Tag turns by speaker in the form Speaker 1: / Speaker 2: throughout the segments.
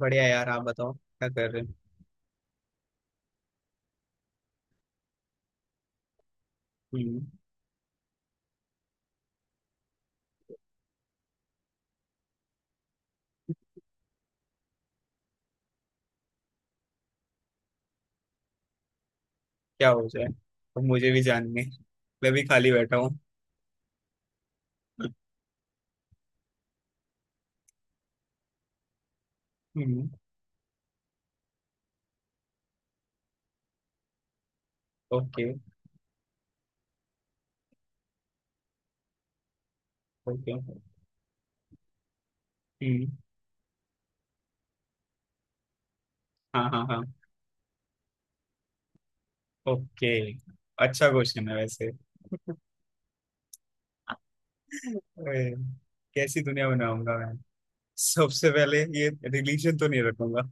Speaker 1: बढ़िया यार। आप बताओ, क्या कर रहे हो? हम्म। क्या हो जाए? अब मुझे भी जानने। मैं भी खाली बैठा हूँ। हम्म। ओके। ओके। हम्म। हाँ, हाँ, हाँ। ओके। अच्छा क्वेश्चन है वैसे। अरे, कैसी दुनिया बनाऊंगा मैं। सबसे पहले ये रिलीजन तो नहीं रखूंगा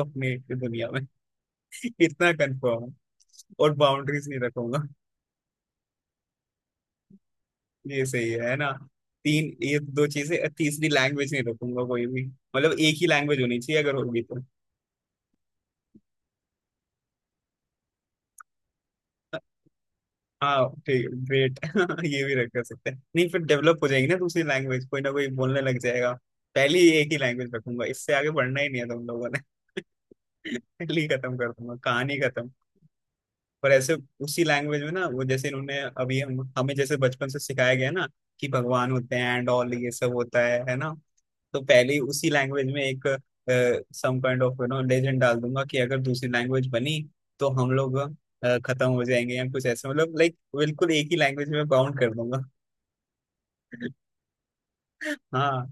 Speaker 1: अपनी दुनिया में। इतना कंफर्म है। और बाउंड्रीज नहीं रखूंगा। ये सही है ना? तीन, ये दो चीजें, तीसरी लैंग्वेज नहीं रखूंगा कोई भी। मतलब एक ही लैंग्वेज होनी चाहिए, अगर होगी तो। हाँ ठीक, ग्रेट। ये भी रख कर सकते हैं। नहीं, फिर डेवलप हो जाएगी ना दूसरी लैंग्वेज, कोई ना कोई बोलने लग जाएगा। पहले ही एक ही लैंग्वेज रखूंगा। इससे आगे बढ़ना ही नहीं है तुम लोगों ने। पहले ही खत्म कर दूंगा कहानी। खत्म। पर ऐसे उसी लैंग्वेज में ना वो, जैसे इन्होंने अभी हम हमें जैसे बचपन से सिखाया गया ना कि भगवान होते हैं एंड ऑल, ये सब होता है ना? तो पहले ही उसी लैंग्वेज में एक सम काइंड ऑफ लेजेंड डाल दूंगा कि अगर दूसरी लैंग्वेज बनी तो हम लोग खत्म हो जाएंगे या कुछ ऐसे, मतलब लाइक बिल्कुल एक ही लैंग्वेज में बाउंड कर दूंगा। हाँ।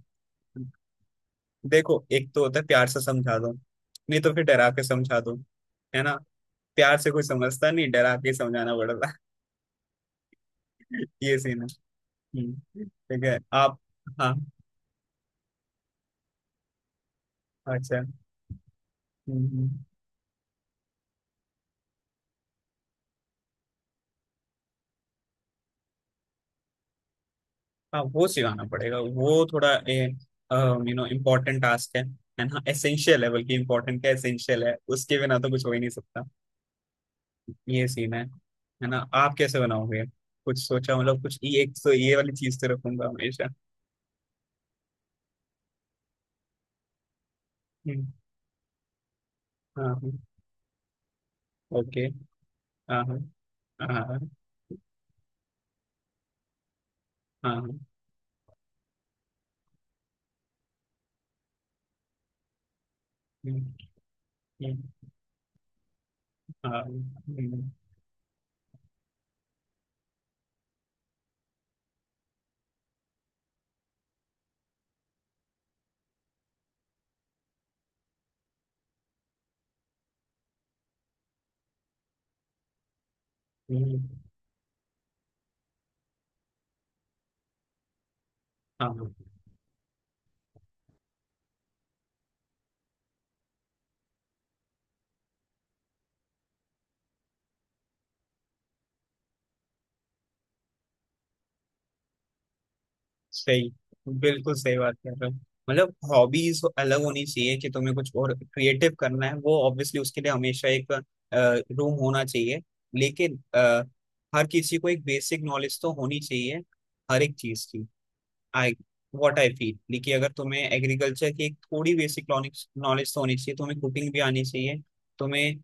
Speaker 1: देखो, एक तो होता है प्यार से समझा दो, नहीं तो फिर डरा के समझा दो, है ना? प्यार से कोई समझता नहीं, डरा के समझाना पड़ता है। ये सीन है। हम्म। ठीक है आप। हाँ। अच्छा। हम्म। हम्म। हाँ, वो सिखाना पड़ेगा, वो थोड़ा इम्पोर्टेंट टास्क है ना? एसेंशियल है, बल्कि इम्पोर्टेंट क्या, एसेंशियल है। उसके बिना तो कुछ हो ही नहीं सकता। ये सीन है। है ना? आप कैसे बनाओगे? कुछ सोचा? मतलब कुछ, ये एक तो ये वाली चीज तो रखूंगा हमेशा। हम्म, हाँ। ओके। हाँ, okay। हाँ, हाँ, हाँ। हाँ, हाँ। हम्म। हम्म। हाँ। हम्म। हम्म। हाँ, हाँ। सही। बिल्कुल सही बात कर रहे हो। मतलब हॉबीज अलग होनी चाहिए, कि तुम्हें कुछ और क्रिएटिव करना है वो ऑब्वियसली, उसके लिए हमेशा एक रूम होना चाहिए। लेकिन हर किसी को एक बेसिक नॉलेज तो होनी चाहिए, हर एक चीज की। आई व्हाट आई फील कि अगर तुम्हें एग्रीकल्चर की एक थोड़ी बेसिक नॉलेज तो होनी चाहिए, तुम्हें कुकिंग भी आनी चाहिए, तुम्हें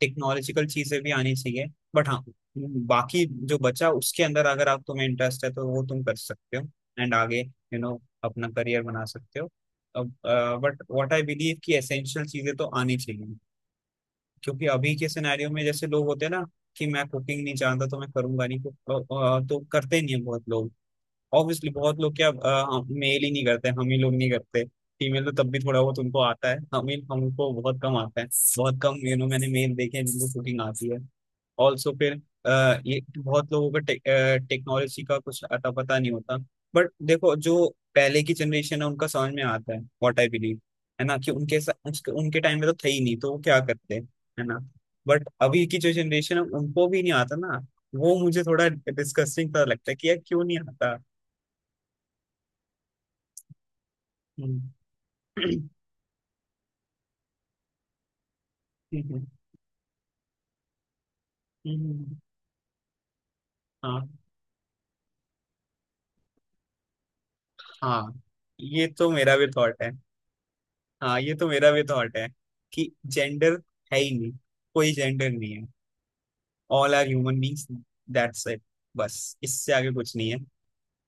Speaker 1: टेक्नोलॉजिकल चीजें भी आनी चाहिए। बट हाँ, बाकी जो बचा उसके अंदर अगर आप तुम्हें इंटरेस्ट है तो वो तुम कर सकते हो एंड आगे अपना करियर बना सकते हो। अब बट व्हाट आई बिलीव, कि एसेंशियल चीजें तो आनी चाहिए। क्योंकि अभी के सिनेरियो में जैसे लोग होते हैं ना, कि मैं कुकिंग नहीं जानता तो मैं करूंगा नहीं तो करते नहीं है बहुत लोग। ऑब्वियसली बहुत लोग क्या, मेल ही नहीं करते, हम ही लोग नहीं करते। फीमेल तो तब भी थोड़ा बहुत उनको आता है, हम ही हमको बहुत कम आता है। बहुत कम, मैंने मेल देखे हैं जिनको कुकिंग आती है। ऑल्सो फिर ये बहुत लोगों को टेक्नोलॉजी का कुछ अता पता नहीं होता। बट देखो, जो पहले की जनरेशन है उनका समझ में आता है व्हाट आई बिलीव, है ना? कि उनके टाइम में तो थे ही नहीं, तो वो क्या करते, है ना? बट अभी की जो जनरेशन है उनको भी नहीं आता ना, वो मुझे थोड़ा डिस्कस्टिंग सा लगता है कि यार क्यों नहीं आता। हम्म। हम्म। हम्म। हाँ, हाँ। ये तो मेरा भी थॉट है। हाँ, ये तो मेरा भी थॉट है। कि जेंडर है ही नहीं, कोई जेंडर नहीं है। All are human beings. That's it. बस इससे आगे कुछ नहीं है।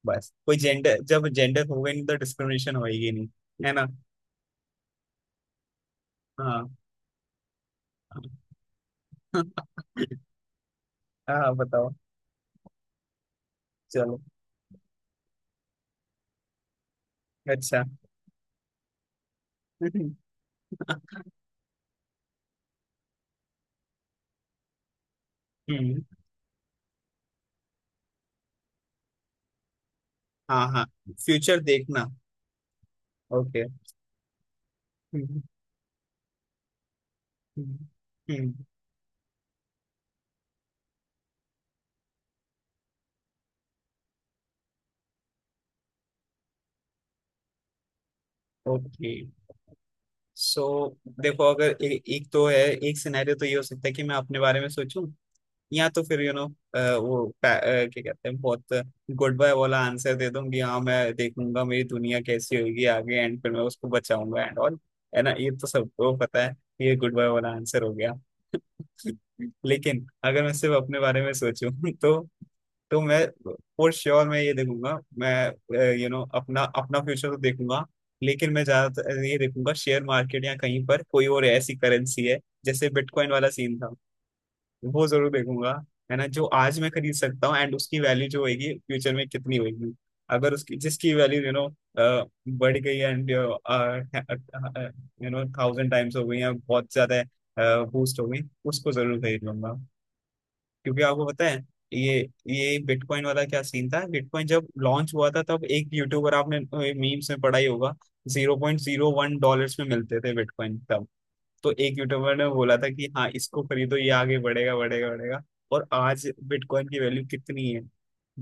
Speaker 1: बस कोई जेंडर, जब जेंडर होगा ही नहीं तो डिस्क्रिमिनेशन होएगी नहीं, है ना? हाँ। हाँ, बताओ। चलो। अच्छा। हम्म। हाँ, हाँ, फ्यूचर देखना। Okay. Hmm. Hmm. Okay. So देखो, अगर एक तो है एक सिनेरियो, तो ये हो सकता है कि मैं अपने बारे में सोचूं, या तो फिर वो क्या कहते हैं, बहुत गुड बाय वाला आंसर दे दूं कि हाँ मैं देखूंगा मेरी दुनिया कैसी होगी आगे एंड फिर मैं उसको बचाऊंगा एंड ऑल, है ना? ये तो सबको पता है, ये गुड बाय वाला आंसर हो गया। लेकिन अगर मैं सिर्फ अपने बारे में सोचूं, तो मैं, फॉर श्योर, मैं ये देखूंगा। मैं, अपना अपना फ्यूचर तो देखूंगा, लेकिन मैं ज्यादातर ये देखूंगा शेयर मार्केट या कहीं पर कोई और ऐसी करेंसी है, जैसे बिटकॉइन वाला सीन था, वो जरूर देखूंगा। है ना? जो आज मैं खरीद सकता हूँ एंड उसकी वैल्यू जो होगी फ्यूचर में कितनी होगी। अगर उसकी जिसकी वैल्यू बढ़ गई एंड थाउजेंड टाइम्स हो गई या बहुत ज्यादा बूस्ट हो गई, उसको जरूर खरीद लूंगा, क्योंकि आपको पता है। ये ये बिटकॉइन वाला क्या सीन था, बिटकॉइन जब लॉन्च हुआ था तब एक यूट्यूबर, आपने मीम्स में पढ़ा ही होगा, $0.01 में मिलते थे बिटकॉइन तब। तो एक यूट्यूबर ने बोला था कि हाँ, इसको खरीदो, ये आगे बढ़ेगा, बढ़ेगा, बढ़ेगा। और आज बिटकॉइन की वैल्यू कितनी है?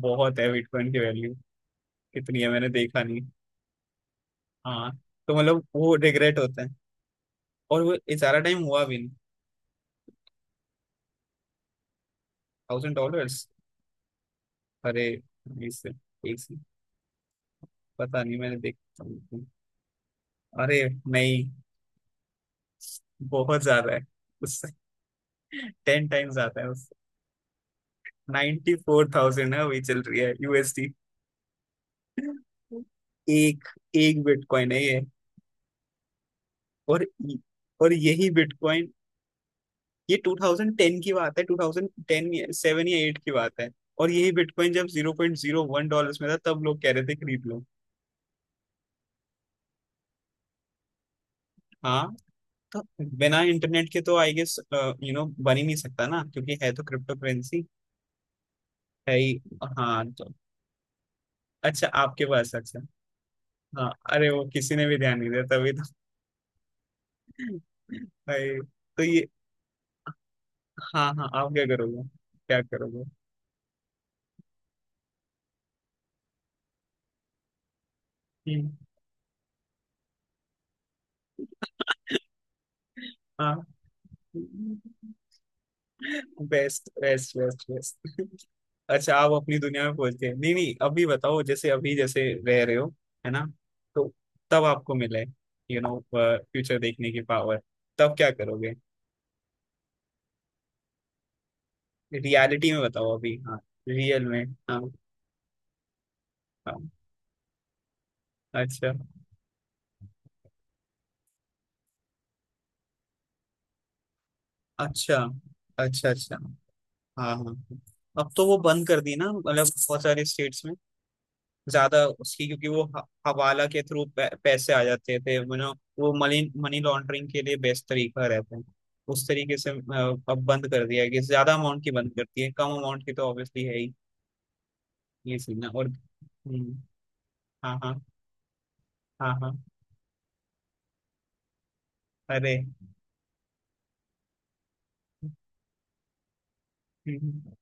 Speaker 1: बहुत है बिटकॉइन की वैल्यू। कितनी है मैंने देखा नहीं। हाँ, तो मतलब वो रिग्रेट होता है, और वो ये सारा टाइम हुआ भी नहीं। Thousand dollars. अरे, इससे एक से, पता नहीं मैंने देखा। अरे, नहीं। बहुत ज्यादा है उससे। टेन टाइम ज्यादा है उससे। 94,000, फोर थाउजेंड है, वही चल रही है यूएसडी। एक, एक बिटकॉइन है ये। और और यही बिटकॉइन, ये 2010 की बात है, 2010 या 7 या 8 की बात है, और यही बिटकॉइन जब 0.01 डॉलर्स में था तब लोग कह रहे थे खरीद लो। हाँ। तो बिना इंटरनेट के तो आई गेस बन ही नहीं सकता ना, क्योंकि है तो क्रिप्टो करेंसी। है ही। हाँ, तो अच्छा आपके पास, अच्छा। हाँ, अरे वो किसी ने भी ध्यान नहीं दिया तभी तो। भाई। तो ये। हाँ, हाँ, आप क्या करोगे? क्या करोगे? हम्म, हाँ। Best, best, best, best. अच्छा, आप अपनी दुनिया में पहुंचते हैं? नहीं, नहीं, अभी बताओ, जैसे अभी जैसे रह रहे हो, है ना? तो तब आपको मिले फ्यूचर देखने की पावर, तब क्या करोगे? रियलिटी में बताओ अभी, हाँ। रियल में। हाँ। हाँ। अच्छा। अच्छा, अच्छा। अच्छा। हाँ, हाँ, हाँ। अब तो वो बंद कर दी ना, मतलब बहुत सारे स्टेट्स में। ज्यादा उसकी, क्योंकि वो हवाला के थ्रू पैसे आ जाते थे, वो मनी मनी लॉन्ड्रिंग के लिए बेस्ट तरीका रहता है। उस तरीके से अब बंद कर दिया है कि ज्यादा अमाउंट की, बंद करती है कम अमाउंट की तो ऑब्वियसली है ही। ये सीन है। और हम्म। हाँ, हाँ। हाँ, हाँ। अरे। हम्म।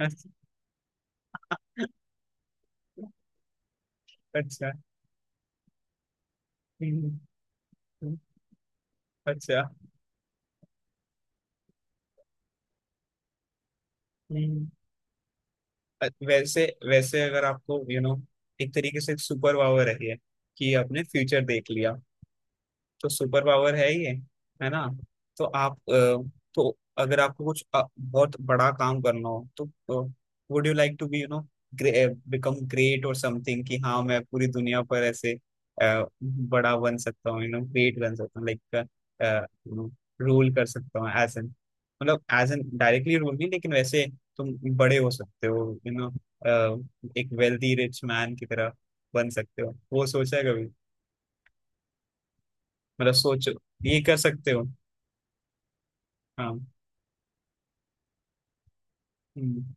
Speaker 1: अच्छा। अच्छा। हम्म। अच्छा। हम्म। वैसे वैसे, अगर आपको यू you नो know, एक तरीके से सुपर पावर है कि आपने फ्यूचर देख लिया, तो सुपर पावर है ये, है ना? तो आप तो अगर आपको कुछ बहुत बड़ा काम करना हो तो, would you like to be become great or something, कि हाँ मैं पूरी दुनिया पर ऐसे बड़ा बन सकता हूँ, ग्रेट बन सकता हूँ, लाइक रूल कर सकता हूँ एज एन, मतलब एज एन डायरेक्टली रूल नहीं लेकिन वैसे तुम बड़े हो सकते हो, यू नो एक वेल्दी रिच मैन की तरह बन सकते हो, वो सोचा है कभी? मतलब सोचो, ये कर सकते हो। हाँ। हम्म।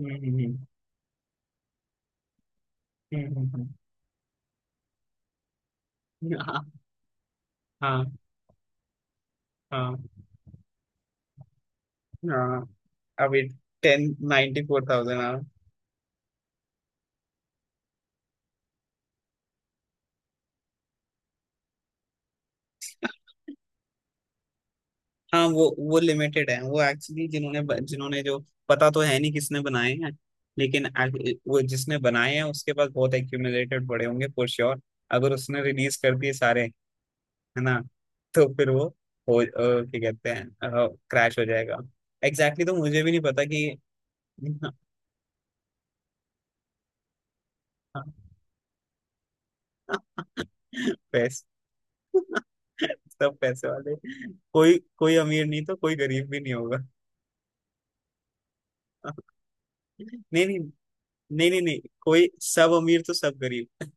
Speaker 1: हम्म। हम्म। हम्म। हम्म। हम्म। हाँ, हाँ, हाँ, हाँ, अभी। टेन 94,000, हाँ। हाँ, वो लिमिटेड है, वो एक्चुअली जिन्होंने जो, पता तो है नहीं किसने बनाए हैं, लेकिन वो जिसने बनाए हैं उसके पास बहुत एक्यूमुलेटेड पड़े होंगे फॉर श्योर। अगर उसने रिलीज कर दिए सारे, है ना, तो फिर वो हो, क्या कहते हैं, क्रैश हो जाएगा। एग्जैक्टली तो मुझे भी नहीं पता कि। पैसे। सब पैसे वाले। कोई कोई अमीर नहीं तो कोई गरीब भी नहीं होगा। नहीं, नहीं, नहीं, नहीं, नहीं, कोई। सब अमीर तो सब गरीब।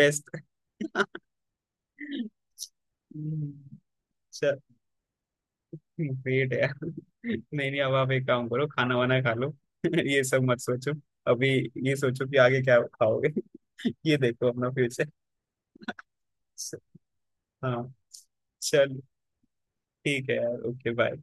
Speaker 1: बेस्ट। चल, ग्रेट है। नहीं, नहीं, अब आप एक काम करो, खाना वाना खा लो, ये सब मत सोचो अभी। ये सोचो कि आगे क्या खाओगे, ये देखो अपना फ्यूचर। हाँ। चल, ठीक है यार, ओके बाय।